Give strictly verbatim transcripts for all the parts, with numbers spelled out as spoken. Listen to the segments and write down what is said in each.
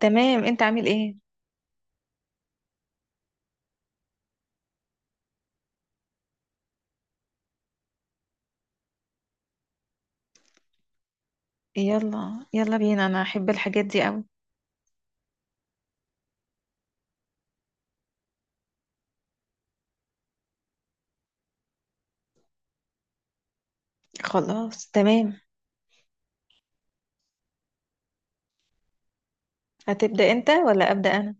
تمام، انت عامل ايه؟ يلا يلا بينا، انا احب الحاجات دي قوي. خلاص تمام. هتبدأ انت ولا أبدأ انا؟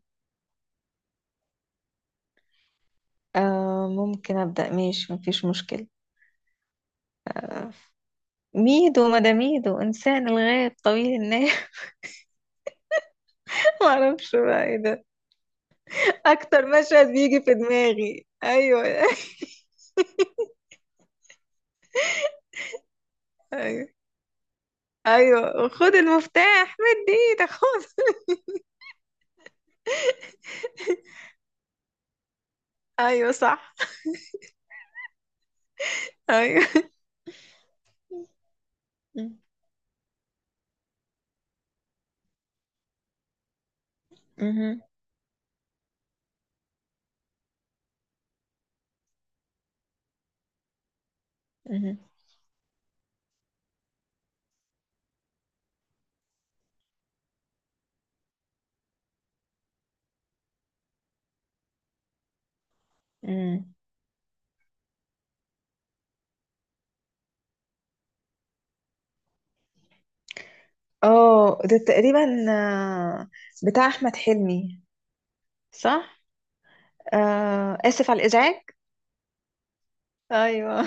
آه، ممكن أبدأ. ماشي، مفيش مشكلة. آه. ميدو، مداميدو، إنسان الغاب، طويل الناي. معرفش بقى ايه ده. أكتر مشهد بيجي في دماغي، أيوه. أيوه أيوه، خد المفتاح، مد ايدك، خد. أيوه صح. أيوه. مهم. مهم. مهم. اه، ده تقريبا آه، بتاع احمد حلمي. صح. آه، اسف على الازعاج. ايوه.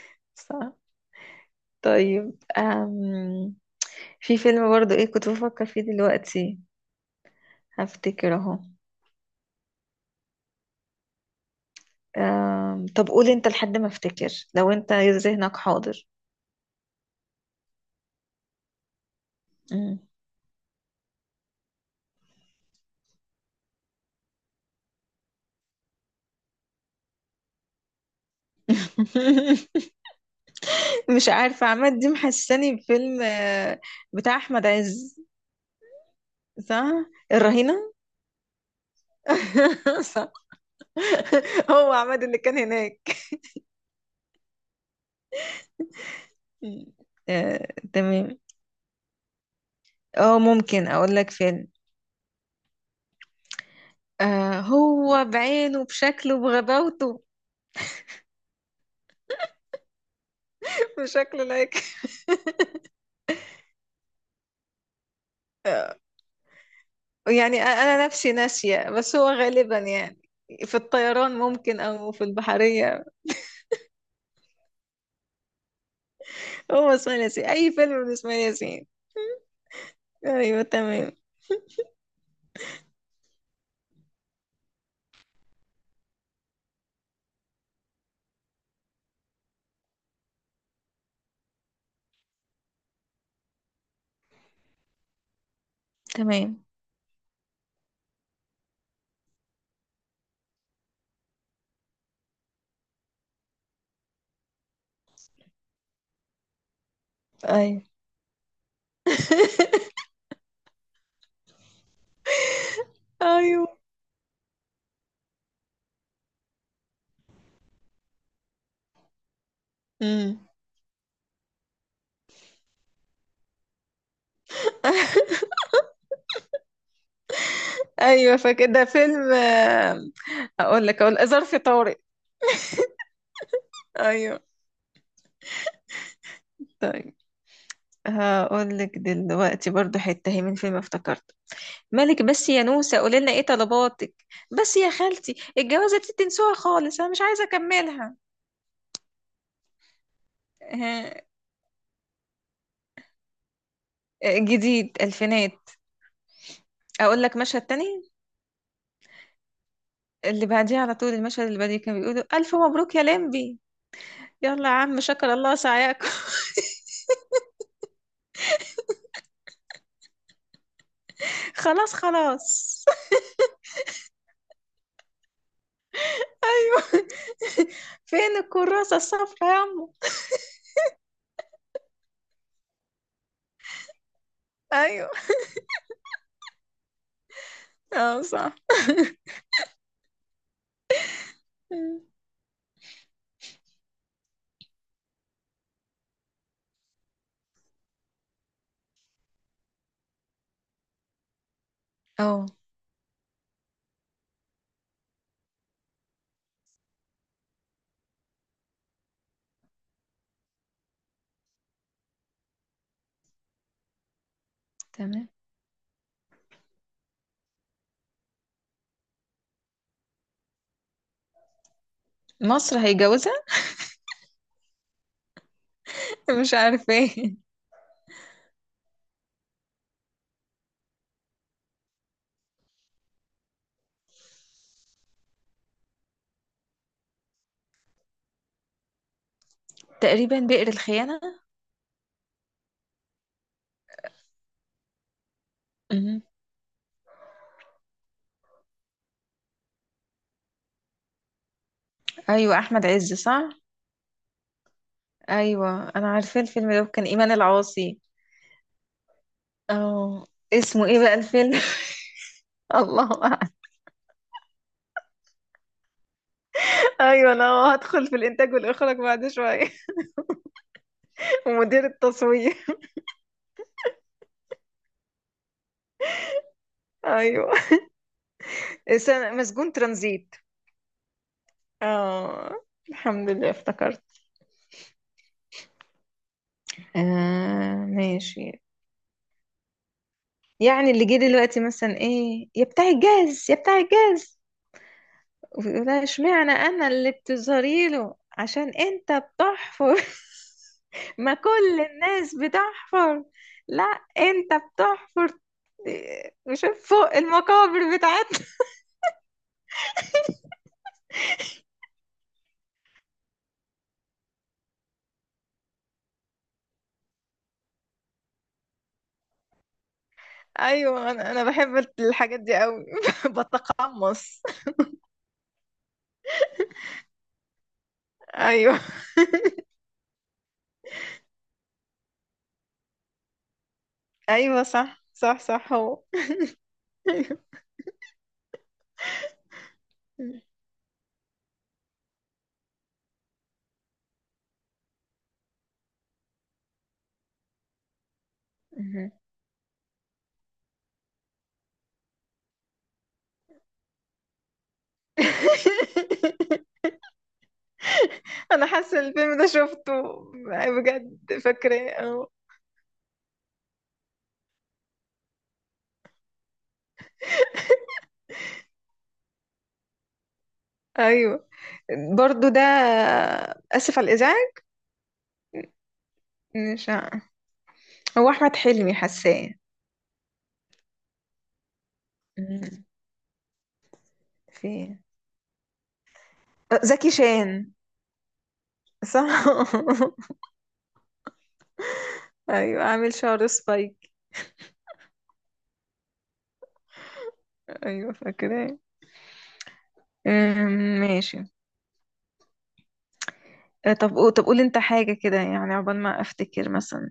صح. طيب. آم، في فيلم برضو ايه كنت بفكر فيه دلوقتي. هفتكر اهو. آم، طب قول انت لحد ما افتكر. لو انت ذهنك حاضر. مم. مش عارفة، عماد دي محساني بفيلم آه، بتاع احمد عز. صح. الرهينة. صح. هو عماد اللي كان هناك. آه. تمام. اه، ممكن اقول لك فيلم. آه، هو بعينه، بشكله، بغباوته. بشكله لايك. يعني أ- انا نفسي ناسيه، بس هو غالبا يعني في الطيران ممكن، او في البحريه. هو اسماعيل ياسين، اي فيلم لاسماعيل ياسين. ايوه تمام. تمام. ايوه. ايوه. امم. ايوه، فكده فيلم. آه، اقول لك، اقول آه، ظرف طارق. ايوه. طيب. هقول لك دلوقتي برضو حتة هي من فيلم افتكرت. مالك بس يا نوسة، قولي لنا ايه طلباتك؟ بس يا خالتي، الجوازة دي تنسوها خالص، انا مش عايزة اكملها. آه. جديد الفينات. اقول لك مشهد تاني. اللي بعديه على طول، المشهد اللي بعديه كانوا بيقولوا: الف مبروك يا لمبي. يلا يا عم، شكر الله سعيكم. خلاص، خلاص. فين الكراسة الصفرا يا عمو؟ ايوه. اه، صح. اه، تمام. مصر هيجوزها. مش عارفة ايه. تقريبا بئر الخيانة. مهم. أيوة، أحمد عز، صح. أيوة، أنا عارفة الفيلم ده، كان إيمان العاصي. اه. اسمه إيه بقى الفيلم؟ الله أعلم. أيوة، أنا هدخل في الإنتاج والإخراج بعد شوية. ومدير التصوير. أيوة. اس- مسجون ترانزيت. اه. الحمد لله افتكرت. آه ماشي. يعني اللي جه دلوقتي مثلا: ايه يا بتاع الجاز، يا بتاع الجاز. لا، اشمعنى انا اللي بتظهري له عشان انت بتحفر؟ ما كل الناس بتحفر. لا، انت بتحفر. شوف فوق المقابر بتاعتنا. ايوه، انا انا بحب الحاجات دي قوي. بتقمص. ايوه. ايوه، صح، صح، صح، هو. أيوة. مهم. انا حاسه الفيلم ده شفته. بجد فاكراه أهو. ايوه. برضو ده اسف على الازعاج. مش ع- هو احمد حلمي حاساه. مم. في زكي شان. صح. ايوه، عامل شعر سبايك. ايوه فاكراه. أمم، ماشي. آه، طب قو- طب قول انت حاجه كده، يعني عقبال ما افتكر مثلا.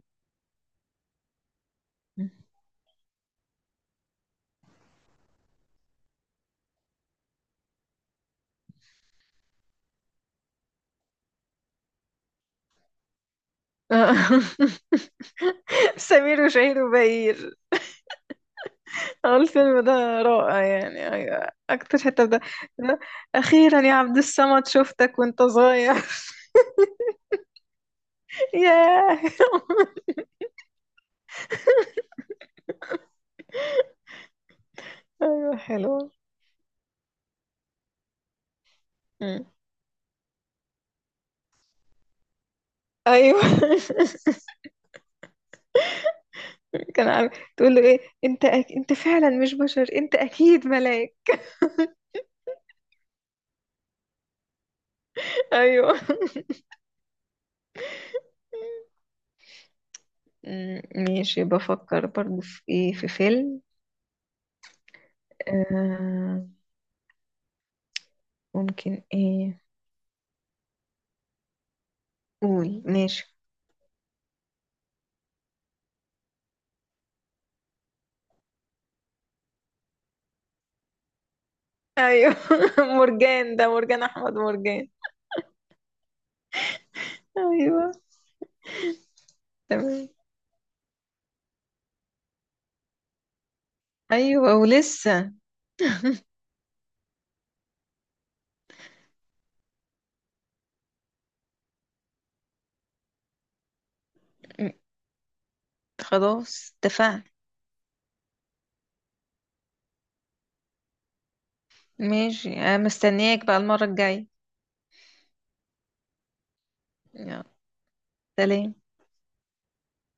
سمير وشهير وبهير. آه، الفيلم ده رائع يعني. ايوه، اكتر حته ده. اخيرا يا عبد الصمد، شفتك وانت صغير. ياه. ايوه حلو. مم. ايوه. كان عارف. تقول له: ايه انت أك... انت فعلا مش بشر، انت اكيد ملاك. ايوه. مم، ماشي، بفكر برضو في ايه، في فيلم. آه ممكن ايه. قول ماشي. ايوه. مرجان، ده مرجان احمد مرجان. ايوه تمام. ايوه ولسه. م، خلاص اتفقنا. ماشي، انا مستنياك بقى المرة الجاية. يلا. سلام.